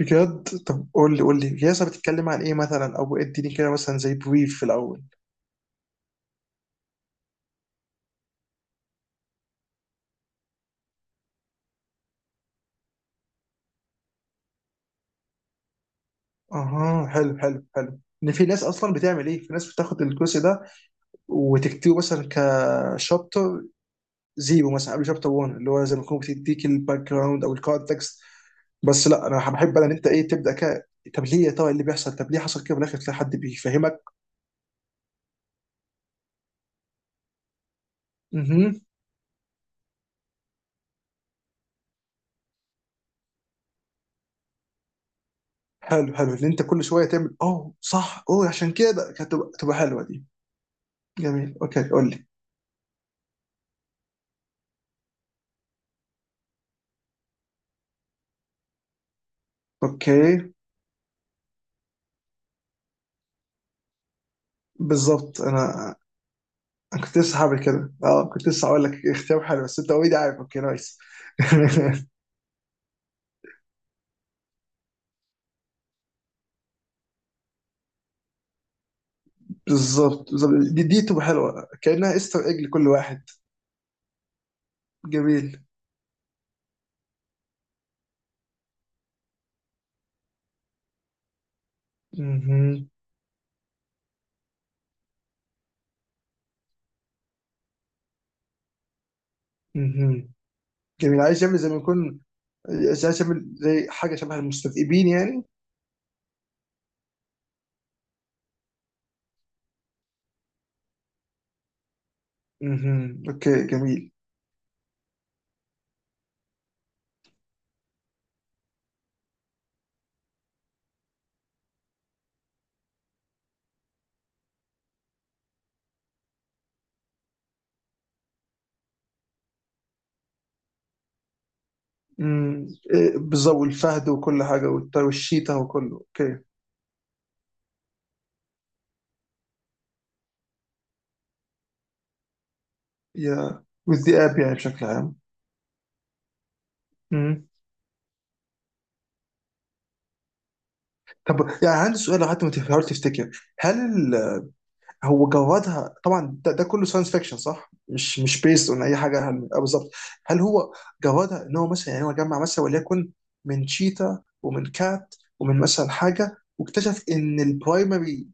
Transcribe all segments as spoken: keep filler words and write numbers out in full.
بجد طب قول لي قول لي ياسر، بتتكلم عن ايه مثلا؟ او اديني كده مثلا زي بريف في الاول. اها، حلو حلو حلو. ان في ناس اصلا بتعمل ايه، في ناس بتاخد الكورس ده وتكتبه مثلا كشابتر زيرو مثلا قبل شابتر واحد، اللي هو زي ما تكون بتديك الباك جراوند او الكونتكست. بس لا، انا بحب انا ان انت ايه تبدا كده. طب ليه يا ترى إيه اللي بيحصل؟ طب ليه حصل كده في الاخر تلاقي حد بيفهمك. اها، حلو حلو ان انت كل شويه تعمل اه صح اوه، عشان كده كانت تبقى تبقى حلوه دي. جميل، اوكي، قول لي. اوكي، بالظبط. انا أنا كنت لسه هعمل كده. اه، كنت لسه هقول لك اختيار حلو، بس انت اوريدي عارف. اوكي، نايس. بالظبط بالظبط، دي, دي تبقى حلوه كانها استر ايج لكل واحد. جميل. مهم. مهم. جميل. عايز يعمل زي ما يكون عايز يعمل زي حاجه شبه المستذئبين يعني. مهم. اوكي، جميل. مم. إيه، بالظبط، والفهد وكل حاجه والت- والشيتا وكله. اوكي. يا، والذئاب يعني بشكل عام. مم. طب يعني عندي سؤال، لو حتى ما تحاول تفتكر، هل هو جودها طبعا ده, ده كله ساينس فيكشن صح؟ مش مش بيست اون اي حاجه؟ هل- آه، بالظبط. هل هو جودها ان هو مثلا، يعني هو جمع مثلا وليكن من شيتا ومن كات ومن مثلا حاجه، واكتشف ان البرايمري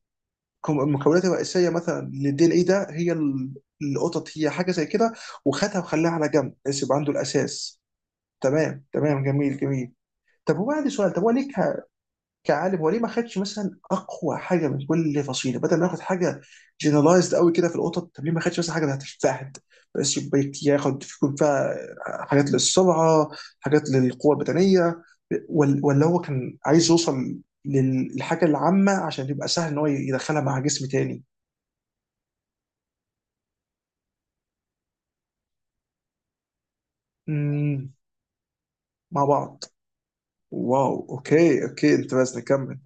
كم- المكونات الرئيسيه مثلا للدي ان اي ده، هي ال- القطط، هي حاجه زي كده، وخدها وخلاها على جنب بس يبقى عنده الاساس. تمام تمام، جميل جميل. طب هو عندي سؤال، طب هو ليه كعالم هو ليه ما خدش مثلا اقوى حاجه من كل فصيله بدل ما ياخد حاجه جنرالايزد قوي كده في القطط؟ طب ليه ما خدش مثلا حاجه بتاعت الفهد بس، يبقى ياخد يكون فيها حاجات للسرعه، حاجات للقوه البدنيه؟ ولا ولا هو كان عايز يوصل للحاجه العامه عشان يبقى سهل ان هو يدخلها مع جسم تاني؟ امم مع بعض. واو، اوكي اوكي، انت بس نكمل.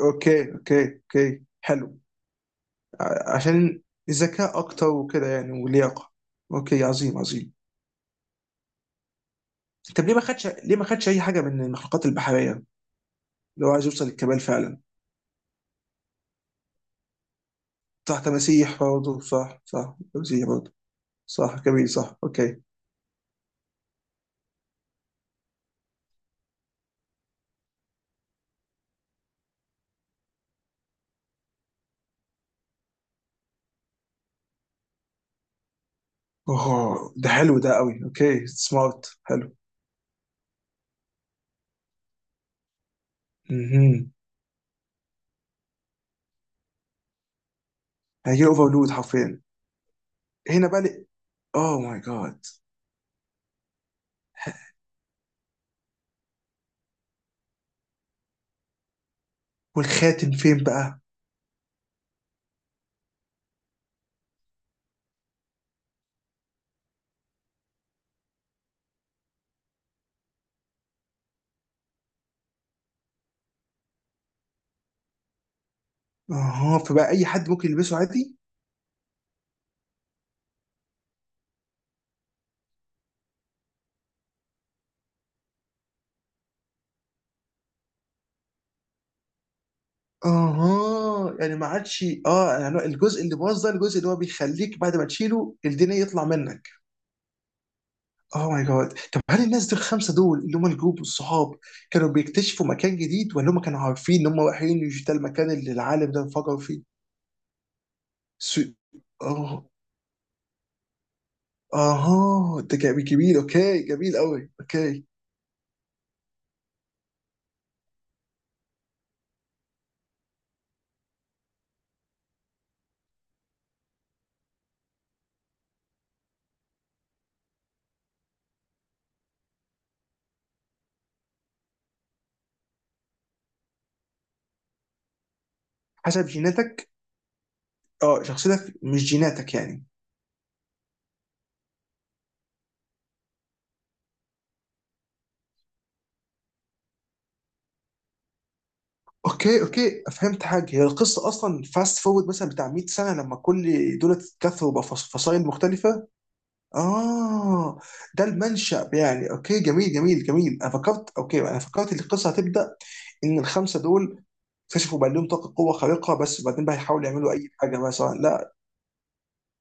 اوكي اوكي اوكي، حلو. ع- عشان ذكاء اكتر وكده يعني، ولياقه. اوكي، عظيم عظيم. طب ليه ما خدش، ليه ما خدش اي حاجه من المخلوقات البحريه؟ لو عايز يوصل للكمال فعلا؟ صح، تماسيح برضه، صح صح، تماسيح برضه. صح، جميل، صح، اوكي. اوه، ده حلو، ده قوي. اوكي، سمارت، حلو. امم هيجي اوفرلود حرفيا هنا بقى لي. اوه ماي جاد. والخاتم فين بقى؟ اها، فبقى اي حد ممكن يلبسه عادي. اها يعني ما عادش، اه يعني الجزء اللي باظ ده الجزء اللي هو بيخليك بعد ما تشيله الدنيا يطلع منك. اوه ماي جاد. طب هل الناس دول الخمسه دول اللي هم الجروب والصحاب، كانوا بيكتشفوا مكان جديد، ولا هم كانوا عارفين ان هم رايحين مش ده المكان اللي العالم ده انفجر فيه؟ سو... اه. اها، ده جميل جميل، اوكي، جميل قوي، اوكي. حسب جيناتك. اه شخصيتك مش جيناتك يعني. اوكي اوكي، فهمت حاجه. هي القصه اصلا فاست فورورد مثلا بتاع مية سنة سنه لما كل دول اتكاثروا بفصائل مختلفه؟ آه، ده المنشأ يعني. أوكي، جميل جميل جميل. أنا فكرت أوكي، أنا فكرت إن القصة هتبدأ إن الخمسة دول اكتشفوا بقى لهم طاقة قوة خارقة بس، وبعدين بقى يحاولوا يعملوا أي حاجة بقى، سواء، لا.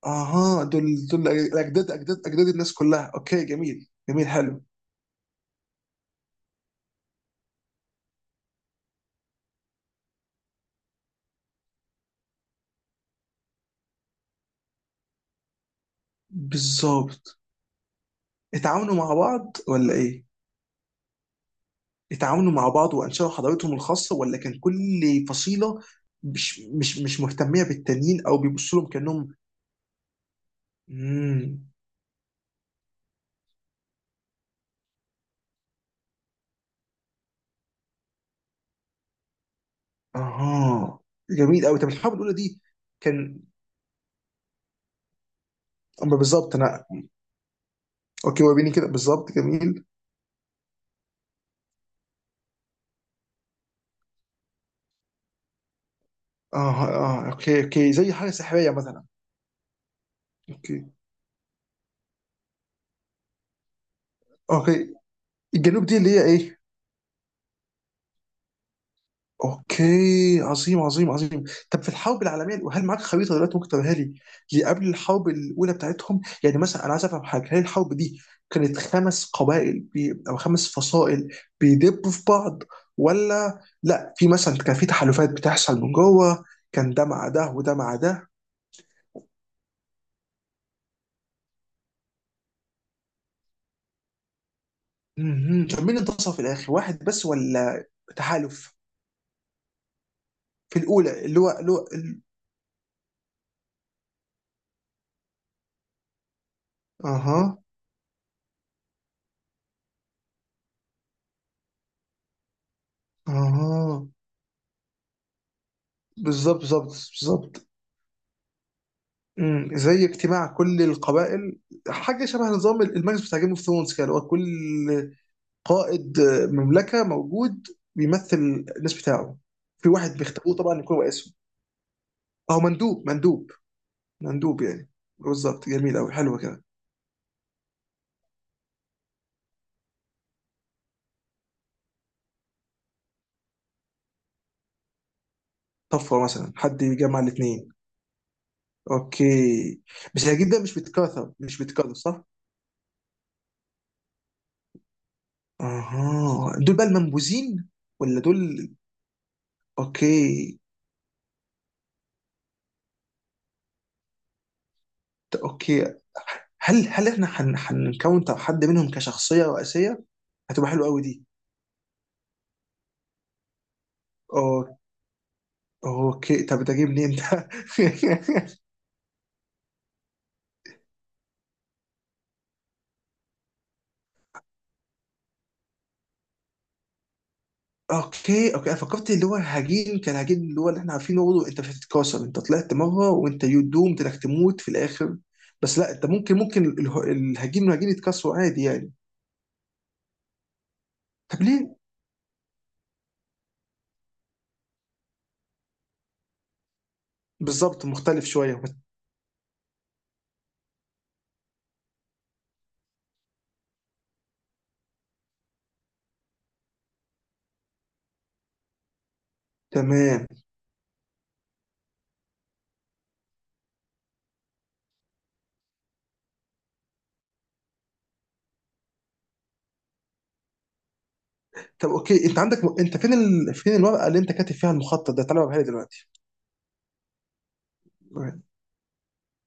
أها، دول دول أجداد أجداد أجداد الناس كلها. أوكي جميل جميل حلو. بالظبط. اتعاونوا مع بعض ولا إيه؟ اتعاونوا مع بعض وأنشأوا حضارتهم الخاصة، ولا كان كل فصيلة مش مش مش مهتمية بالتانيين، أو بيبصوا لهم كأنهم؟ مم. اها، جميل قوي. طب الحرب الاولى دي كان؟ أما بالظبط انا. اوكي، وريني كده بالظبط. جميل. اه اه، اوكي اوكي، زي حاجه سحريه مثلا؟ اوكي اوكي. الجنوب دي اللي هي ايه؟ اوكي، عظيم عظيم عظيم. طب في الحرب العالميه، هل معاك خريطه دلوقتي ممكن توريها لي لقبل الحرب الاولى بتاعتهم؟ يعني مثلا انا عايز افهم حاجه، هل الحرب دي كانت خمس قبائل بي... او خمس فصائل بيدبوا في بعض، ولا لا، في مثلا كان في تحالفات بتحصل من جوه، كان ده مع ده وده مع ده؟ مهم. طب مين انتصر في الاخر، واحد بس ولا تحالف؟ في الاولى، اللي هو اللي هو ال- اها اها، بالظبط بالظبط بالظبط. مم. زي اجتماع كل القبائل، حاجه شبه نظام المجلس بتاع جيم اوف ثرونز كده، اللي هو كل قائد مملكه موجود بيمثل الناس بتاعه. في واحد بيختاروه طبعا يكون رئيسهم، او مندوب، مندوب مندوب يعني. بالظبط، جميل قوي، حلو كده. طفره مثلا، حد يجمع الاثنين. اوكي. بس هي جدا مش بتكاثر مش بتكاثر، صح؟ اها، دول بقى المنبوذين ولا دول؟ اوكي. ت- اوكي. هل هل احنا هن- هنكون، طب حد منهم كشخصيه رئيسيه، هتبقى حلوه قوي دي. أو- اوكي، طب ده جه منين ده؟ اوكي اوكي، انا فكرت اللي هو هجين كان هجين اللي هو اللي احنا عارفينه برضه، انت مش هتتكاثر، انت طلعت مره وانت يو دومد انك تموت في الاخر. بس لا، انت ممكن، ممكن اله- الهجين والهجين يتكاثروا عادي يعني. طب ليه؟ بالظبط، مختلف شويه. تمام. طب اوكي، انت عندك انت فين ال... فين الورقه اللي انت كاتب فيها المخطط ده، تعالى اوريها لي دلوقتي.